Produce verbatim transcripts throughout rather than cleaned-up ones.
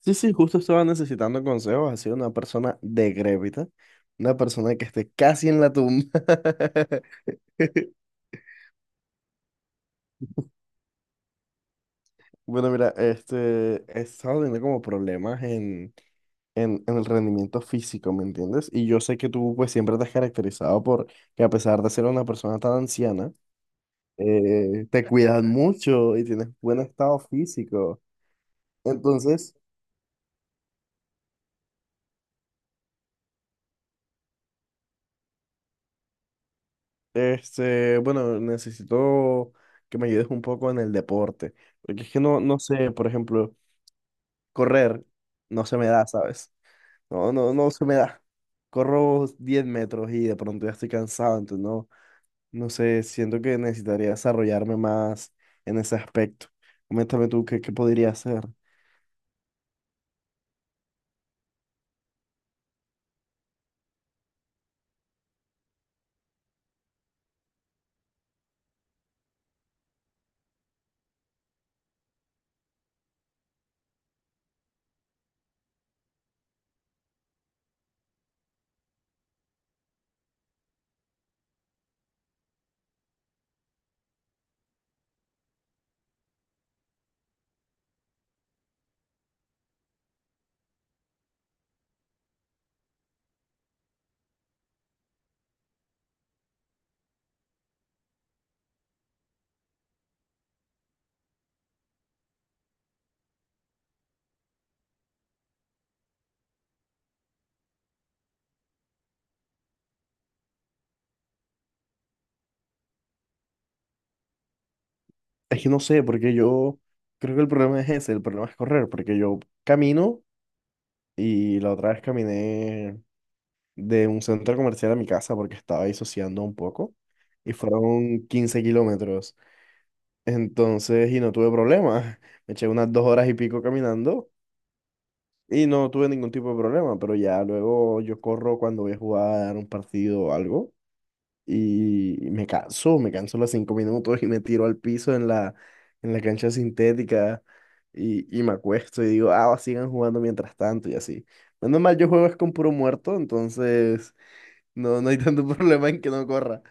Sí, sí, justo estaba necesitando consejos, así de una persona decrépita, una persona que esté casi en la tumba. Bueno, mira, este, he estado teniendo como problemas en, en, en el rendimiento físico, ¿me entiendes? Y yo sé que tú pues siempre te has caracterizado por que a pesar de ser una persona tan anciana, eh, te cuidas mucho y tienes buen estado físico. Entonces, este, bueno, necesito que me ayudes un poco en el deporte, porque es que no, no sé, por ejemplo, correr no se me da, ¿sabes? No, no, no se me da. Corro diez metros y de pronto ya estoy cansado, entonces no, no sé, siento que necesitaría desarrollarme más en ese aspecto. Coméntame tú qué, qué podría hacer. Es que no sé, porque yo creo que el problema es ese, el problema es correr, porque yo camino y la otra vez caminé de un centro comercial a mi casa porque estaba disociando un poco y fueron quince kilómetros. Entonces, y no tuve problemas. Me eché unas dos horas y pico caminando y no tuve ningún tipo de problema, pero ya luego yo corro cuando voy a jugar un partido o algo y me canso, me canso los cinco minutos y me tiro al piso en la, en la cancha sintética. Y, y me acuesto y digo, ah, sigan jugando mientras tanto y así. Menos mal, yo juego es con puro muerto, entonces no, no hay tanto problema en que no corra.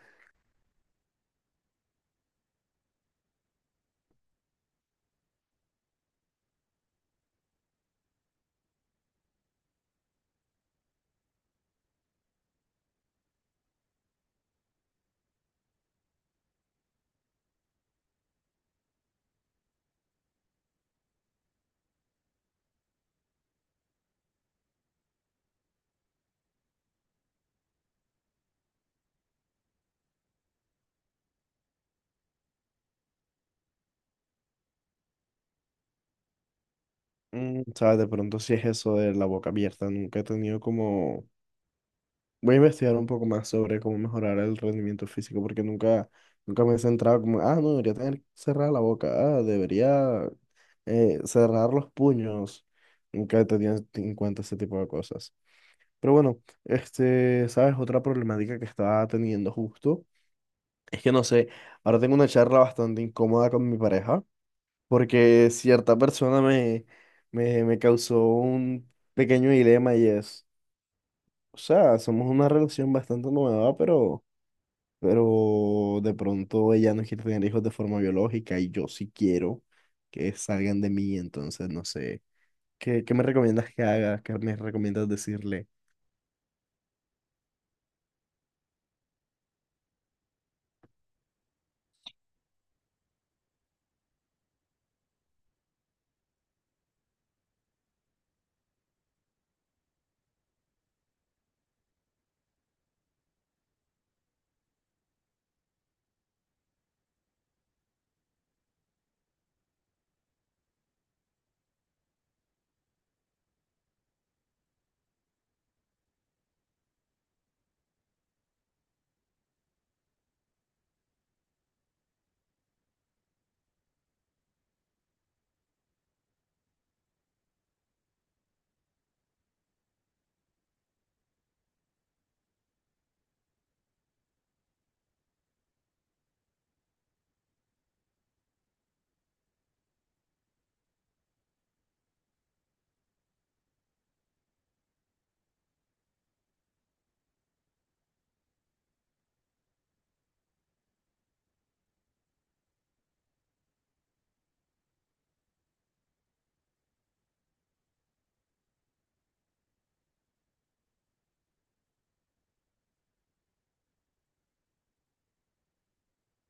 Mm, sabes, de pronto sí es eso de la boca abierta. Nunca he tenido como... Voy a investigar un poco más sobre cómo mejorar el rendimiento físico porque nunca, nunca me he centrado como, ah, no, debería tener cerrada la boca, ah, debería eh, cerrar los puños. Nunca he tenido en cuenta ese tipo de cosas. Pero bueno, este, sabes, otra problemática que estaba teniendo justo es que no sé, ahora tengo una charla bastante incómoda con mi pareja porque cierta persona me, me, me causó un pequeño dilema y es, o sea, somos una relación bastante nueva, pero, pero de pronto ella no quiere tener hijos de forma biológica y yo sí quiero que salgan de mí, entonces no sé, ¿qué, qué me recomiendas que haga? ¿Qué me recomiendas decirle?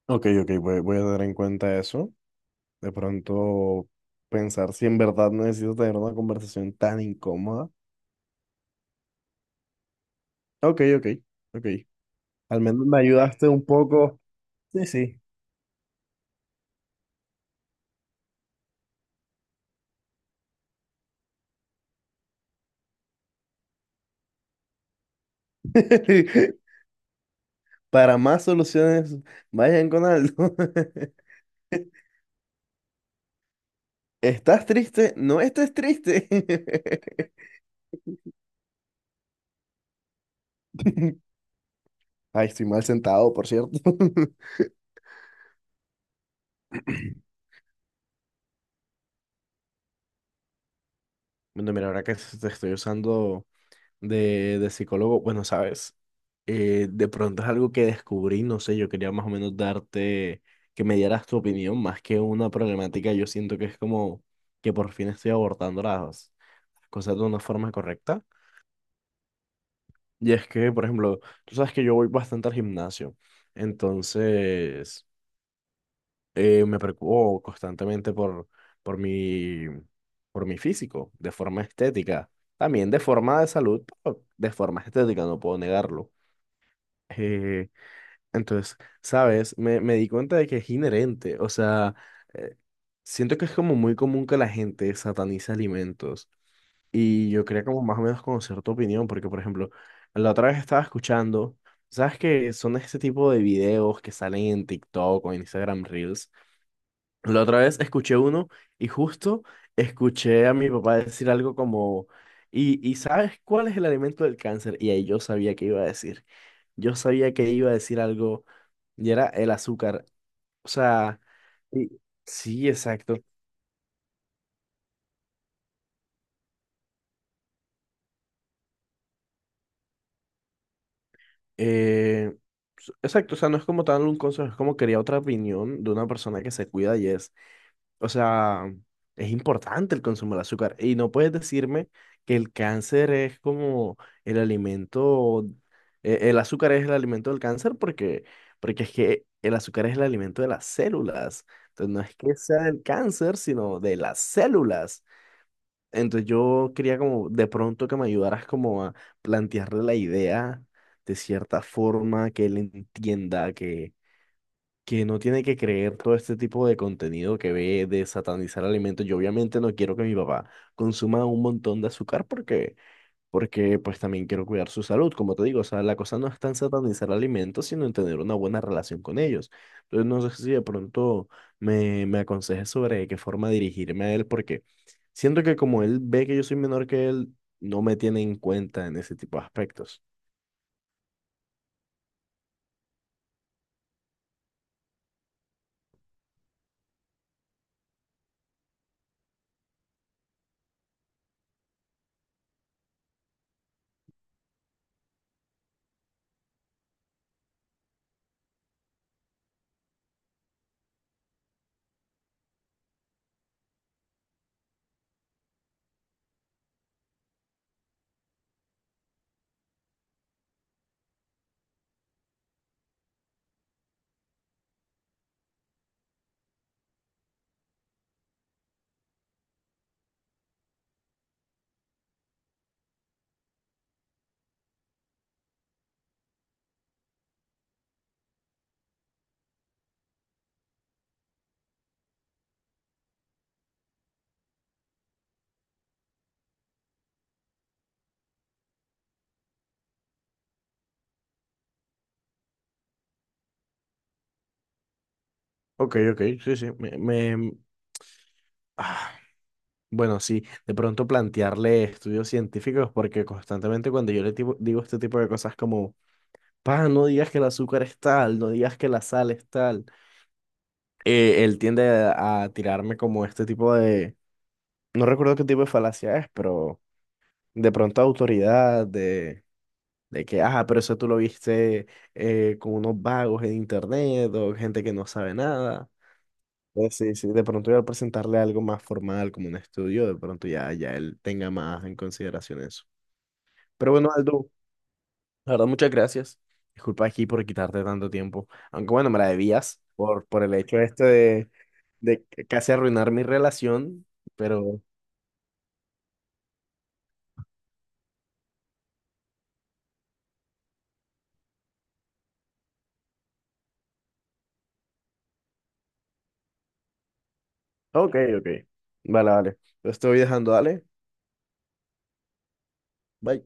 Ok, ok, voy, voy a tener en cuenta eso. De pronto pensar si en verdad necesito tener una conversación tan incómoda. Ok, ok, ok. Al menos me ayudaste un poco. Sí, sí. Para más soluciones, vayan con algo. ¿Estás triste? No estés triste. Ay, estoy mal sentado, por cierto. Bueno, mira, ahora que te estoy usando de, de psicólogo, bueno, sabes, eh, de pronto es algo que descubrí, no sé, yo quería más o menos darte, que me dieras tu opinión, más que una problemática, yo siento que es como que por fin estoy abordando las cosas de una forma correcta. Y es que, por ejemplo, tú sabes que yo voy bastante al gimnasio, entonces eh, me preocupo constantemente por, por mi, por mi físico, de forma estética, también de forma de salud, pero de forma estética, no puedo negarlo. Eh, entonces, ¿sabes? Me, me di cuenta de que es inherente, o sea, eh, siento que es como muy común que la gente satanice alimentos. Y yo quería como más o menos conocer tu opinión, porque por ejemplo, la otra vez estaba escuchando, ¿sabes que son este tipo de videos que salen en TikTok o en Instagram Reels? La otra vez escuché uno y justo escuché a mi papá decir algo como, ¿y, y sabes cuál es el alimento del cáncer? Y ahí yo sabía que iba a decir, yo sabía que iba a decir algo y era el azúcar. O sea, y- sí, exacto. Eh, s- exacto, o sea, no es como tal un consejo, es como quería otra opinión de una persona que se cuida y es, o sea, es importante el consumo del azúcar y no puedes decirme que el cáncer es como el alimento, eh, el azúcar es el alimento del cáncer porque, porque es que el azúcar es el alimento de las células, entonces no es que sea del cáncer, sino de las células. Entonces yo quería como de pronto que me ayudaras como a plantearle la idea de cierta forma, que él entienda que, que no tiene que creer todo este tipo de contenido que ve de satanizar alimentos. Yo obviamente no quiero que mi papá consuma un montón de azúcar porque porque pues también quiero cuidar su salud, como te digo, o sea, la cosa no es tan satanizar alimentos, sino en tener una buena relación con ellos. Entonces, no sé si de pronto me, me aconsejes sobre de qué forma dirigirme a él, porque siento que como él ve que yo soy menor que él, no me tiene en cuenta en ese tipo de aspectos. Ok, ok, sí, sí, me, me- ah, bueno, sí, de pronto plantearle estudios científicos, porque constantemente cuando yo le tipo- digo este tipo de cosas como, pa, no digas que el azúcar es tal, no digas que la sal es tal, eh, él tiende a tirarme como este tipo de, no recuerdo qué tipo de falacia es, pero de pronto autoridad, de, de que, ajá, pero eso tú lo viste eh, con unos vagos en internet o gente que no sabe nada. Pues sí, sí, de pronto yo al presentarle algo más formal como un estudio, de pronto ya, ya él tenga más en consideración eso. Pero bueno, Aldo, la verdad, muchas gracias. Disculpa aquí por quitarte tanto tiempo. Aunque bueno, me la debías por, por el hecho este de, de c- casi arruinar mi relación. Pero, ok, ok. Vale, vale. Lo estoy dejando, dale. Bye.